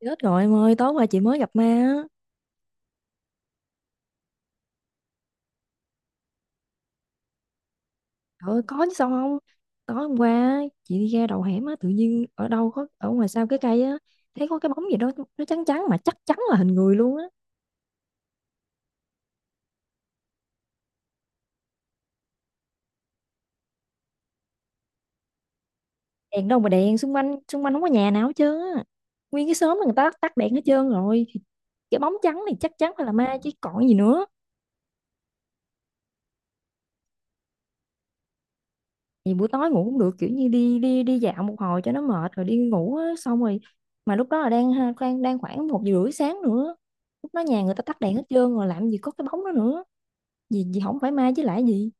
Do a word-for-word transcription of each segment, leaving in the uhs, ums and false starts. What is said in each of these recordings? Chết rồi em ơi, tối qua chị mới gặp ma á. Trời ơi, có chứ sao không? Tối hôm qua á, chị đi ra đầu hẻm á, tự nhiên ở đâu có ở ngoài sau cái cây á, thấy có cái bóng gì đó, nó trắng trắng mà chắc chắn là hình người luôn á. Đèn đâu mà đèn, xung quanh xung quanh không có nhà nào hết trơn á. Nguyên cái xóm là người ta tắt đèn hết trơn rồi. Thì cái bóng trắng này chắc chắn phải là ma chứ còn gì nữa. Vì buổi tối ngủ cũng được, kiểu như đi đi đi dạo một hồi cho nó mệt rồi đi ngủ á, xong rồi mà lúc đó là đang ha- đang đang khoảng một giờ rưỡi sáng nữa. Lúc đó nhà người ta tắt đèn hết trơn rồi, làm gì có cái bóng đó nữa. Vì vì không phải mai chứ lại gì.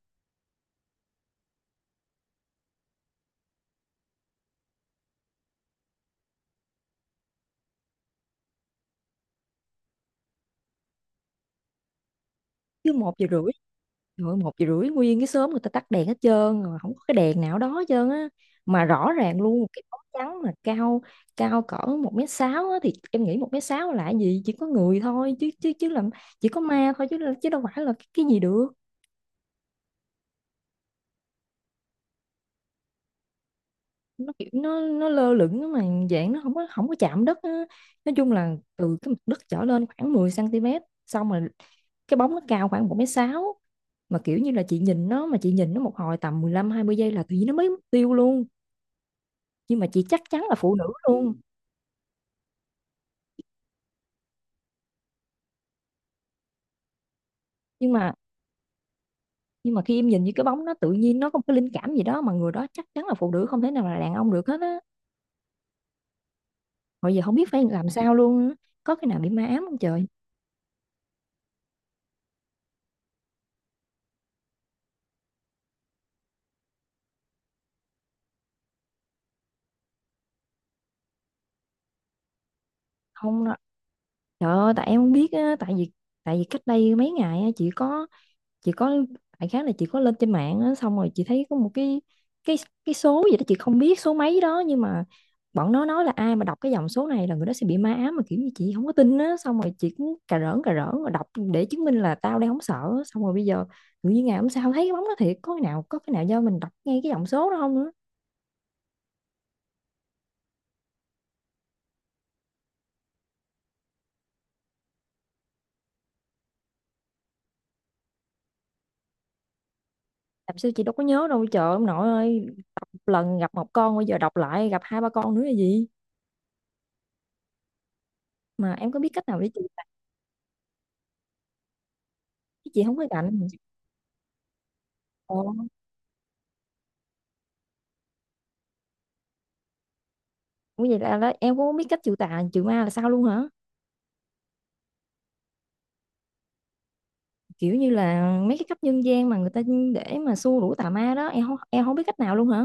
Chứ một giờ rưỡi rồi, một giờ rưỡi nguyên cái xóm người ta tắt đèn hết trơn rồi, không có cái đèn nào đó hết trơn á, mà rõ ràng luôn cái bóng trắng mà cao, cao cỡ một mét sáu á, thì em nghĩ một mét sáu là gì, chỉ có người thôi chứ chứ chứ làm, chỉ có ma thôi chứ chứ đâu phải là cái, cái gì được. Nó kiểu nó nó lơ lửng á, mà dạng nó không có không có chạm đất á. Nói chung là từ cái mặt đất trở lên khoảng mười cm, xong rồi cái bóng nó cao khoảng một mét sáu, mà kiểu như là chị nhìn nó, mà chị nhìn nó một hồi tầm mười lăm hai mươi giây là tự nhiên nó mới mất tiêu luôn, nhưng mà chị chắc chắn là phụ nữ luôn. Nhưng mà nhưng mà khi em nhìn như cái bóng, nó tự nhiên nó có một cái linh cảm gì đó mà người đó chắc chắn là phụ nữ, không thể nào là đàn ông được hết á. Hồi giờ không biết phải làm sao luôn á. Có cái nào bị ma ám không trời? Không đó. Trời ơi, tại em không biết á, tại vì tại vì cách đây mấy ngày á, chị có chị có đại khác là chị có lên trên mạng á, xong rồi chị thấy có một cái cái cái số gì đó, chị không biết số mấy đó, nhưng mà bọn nó nói là ai mà đọc cái dòng số này là người đó sẽ bị ma ám, mà kiểu như chị không có tin á, xong rồi chị cũng cà rỡn cà rỡn rồi đọc để chứng minh là tao đang không sợ á. Xong rồi bây giờ tự nhiên ngày hôm sau thấy cái bóng đó thiệt, có cái nào, có cái nào do mình đọc ngay cái dòng số đó không nữa. Làm sao chị đâu có nhớ đâu trời, ông nội ơi. Đọc một lần gặp một con, bây giờ đọc lại gặp hai ba con nữa là gì. Mà em có biết cách nào để chị chị không có gạnh. Ồ. Ủa vậy là, là em cũng không biết cách trừ tà trừ ma là sao luôn hả? Kiểu như là mấy cái cách nhân gian mà người ta để mà xua đuổi tà ma đó, em không, em không biết cách nào luôn hả?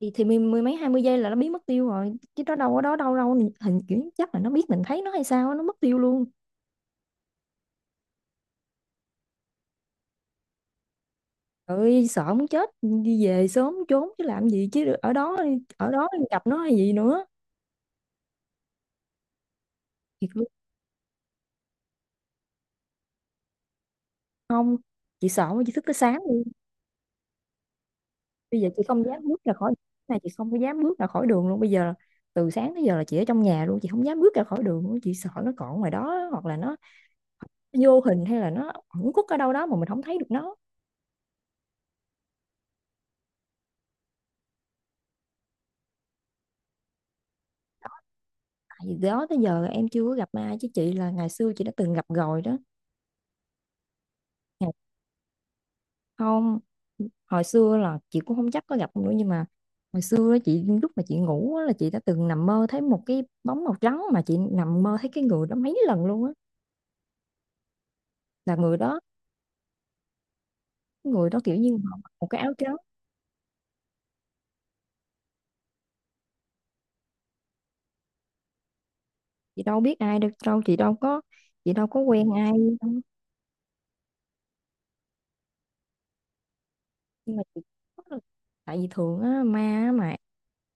Thì thì mười, mười mấy hai mươi giây là nó biến mất tiêu rồi chứ, nó đâu có đó đâu đâu, hình kiểu chắc là nó biết mình thấy nó hay sao á, nó mất tiêu luôn. Trời ơi sợ muốn chết, đi về sớm trốn chứ làm gì chứ ở đó, ở đó gặp nó hay gì nữa. Thiệt luôn, chị sợ mà chị thức tới sáng luôn. Bây giờ chị không dám bước ra khỏi, này chị không có dám bước ra khỏi đường luôn bây giờ, từ sáng tới giờ là chị ở trong nhà luôn, chị không dám bước ra khỏi đường luôn, chị sợ nó còn ngoài đó hoặc là nó vô hình hay là nó ẩn khuất ở đâu đó mà mình không thấy được nó. Tại vì đó tới giờ em chưa có gặp ai chứ chị, là ngày xưa chị đã từng gặp rồi đó. Ngày-, không, hồi xưa là chị cũng không chắc có gặp không nữa, nhưng mà hồi xưa á, chị lúc mà chị ngủ á, là chị đã từng nằm mơ thấy một cái bóng màu trắng, mà chị nằm mơ thấy cái người đó mấy lần luôn á, là người đó, người đó kiểu như họ mặc một cái áo trắng. Chị đâu biết ai được đâu, chị đâu có, chị đâu có quen ai đâu. Nhưng mà chị, tại vì thường á, ma á mà,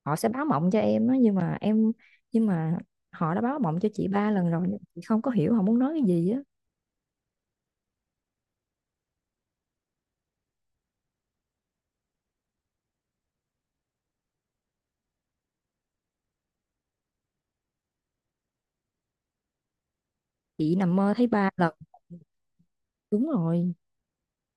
họ sẽ báo mộng cho em á, nhưng mà em, nhưng mà họ đã báo mộng cho chị ba lần rồi, nhưng mà chị không có hiểu họ muốn nói cái gì á. Chị nằm mơ thấy ba lần, đúng rồi,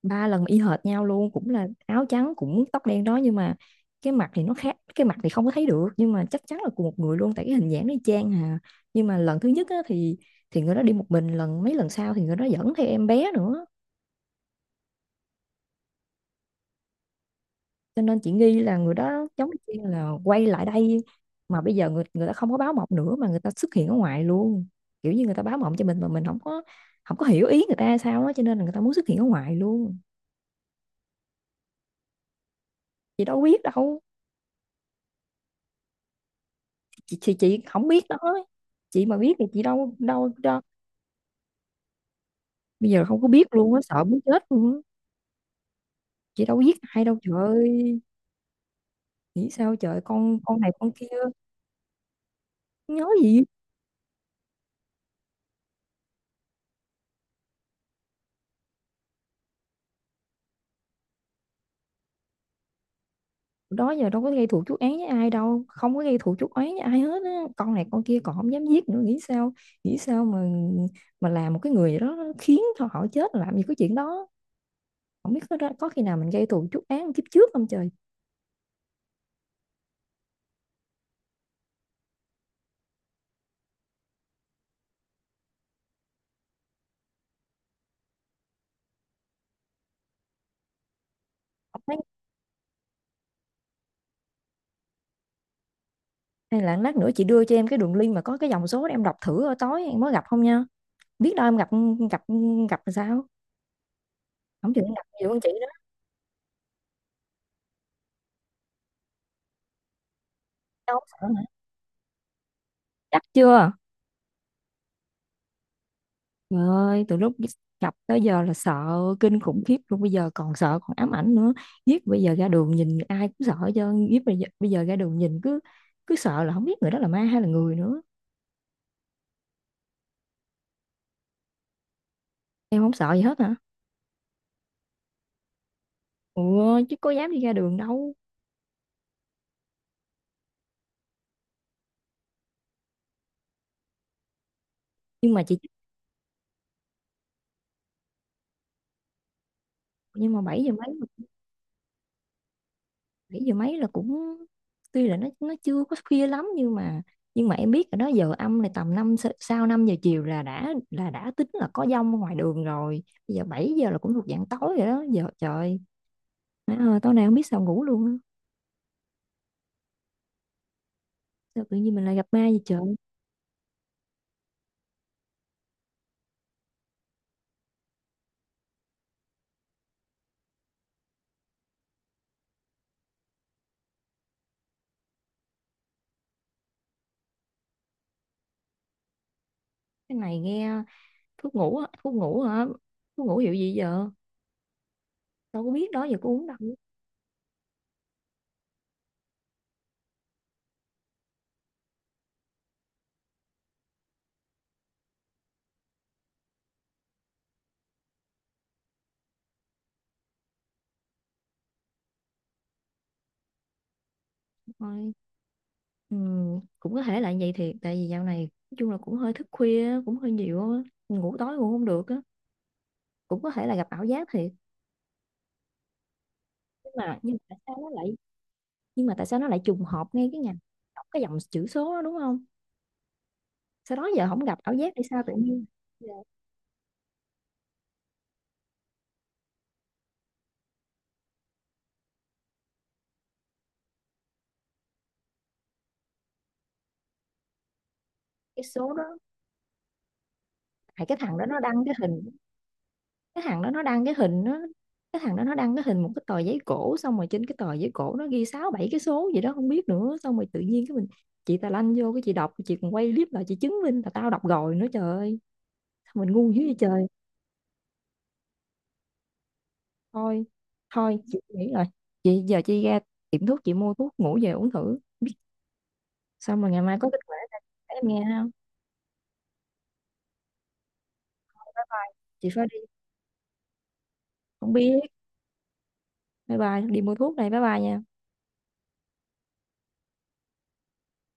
ba lần y hệt nhau luôn, cũng là áo trắng cũng tóc đen đó, nhưng mà cái mặt thì nó khác, cái mặt thì không có thấy được, nhưng mà chắc chắn là cùng một người luôn, tại cái hình dáng nó y chang hà. Nhưng mà lần thứ nhất á, thì thì người đó đi một mình, lần mấy lần sau thì người đó dẫn theo em bé nữa. Cho nên chị nghi là người đó giống như là quay lại đây, mà bây giờ người người ta không có báo mộng nữa mà người ta xuất hiện ở ngoài luôn, kiểu như người ta báo mộng cho mình mà mình không có, không có hiểu ý người ta sao đó, cho nên là người ta muốn xuất hiện ở ngoài luôn. Chị đâu biết đâu. Chị chị, chị không biết đó, chị mà biết thì chị đâu, đâu đâu. Bây giờ không có biết luôn á, sợ muốn chết luôn á. Chị đâu biết ai đâu trời ơi, nghĩ sao trời, con con này con kia. Nhớ gì. Đó giờ đâu có gây thù chuốc oán với ai đâu, không có gây thù chuốc oán với ai hết á, con này con kia còn không dám giết nữa, nghĩ sao, nghĩ sao mà mà làm một cái người gì đó khiến cho họ chết, làm gì có chuyện đó. Không biết có, ra-, có khi nào mình gây thù chuốc oán kiếp trước không trời. Không thấy, hay là lát nữa chị đưa cho em cái đường link mà có cái dòng số để em đọc thử, ở tối em mới gặp không nha, biết đâu em gặp, gặp, gặp là sao, không chừng em gặp nhiều hơn chị đó. Đâu có sợ hả? Chắc chưa? Trời ơi, từ lúc gặp tới giờ là sợ kinh khủng khiếp luôn, bây giờ còn sợ còn ám ảnh nữa. Giết bây giờ ra đường nhìn ai cũng sợ chứ, giết bây giờ, bây giờ ra đường nhìn cứ cứ sợ là không biết người đó là ma hay là người nữa. Em không sợ gì hết hả? Ủa, chứ có dám đi ra đường đâu. Nhưng mà chị, nhưng mà bảy giờ mấy, bảy giờ mấy là cũng, tuy là nó nó chưa có khuya lắm, nhưng mà nhưng mà em biết là đó giờ âm này tầm năm sa-, sau năm giờ chiều là đã là đã tính là có dông ở ngoài đường rồi. Bây giờ bảy giờ là cũng thuộc dạng tối rồi đó. Giờ trời. Nói, ờ, tối nay không biết sao ngủ luôn á. Sao tự nhiên mình lại gặp ma vậy trời? Cái này nghe, thuốc ngủ á, thuốc ngủ hả? Thuốc ngủ hiệu gì giờ? Đâu có biết đó giờ có uống đâu. Thôi, ừ, cũng có thể là vậy thiệt. Tại vì dạo này nói chung là cũng hơi thức khuya á, cũng hơi nhiều á. Ngủ tối ngủ không được á. Cũng có thể là gặp ảo giác thiệt. Nhưng mà nhưng mà tại sao nó lại, nhưng mà tại sao nó lại trùng hợp ngay cái ngày đọc cái dòng chữ số đó, đúng không? Sau đó giờ không gặp ảo giác, hay sao tự nhiên giờ, cái số đó, hay cái thằng đó nó đăng cái hình, cái thằng đó nó đăng cái hình nó cái thằng đó nó đăng cái hình một cái tờ giấy cổ, xong rồi trên cái tờ giấy cổ nó ghi sáu bảy cái số gì đó không biết nữa, xong rồi tự nhiên cái mình, chị ta lanh vô cái chị đọc, chị còn quay clip lại chị chứng minh là tao đọc rồi nữa, trời ơi mình ngu dữ vậy trời. Thôi, thôi chị nghĩ rồi, chị giờ chị ra tiệm thuốc chị mua thuốc ngủ về uống thử, xong rồi ngày mai có kết quả ra. Em nghe không? Chị phải đi, không biết, bye bye, đi mua thuốc này, bye bye nha.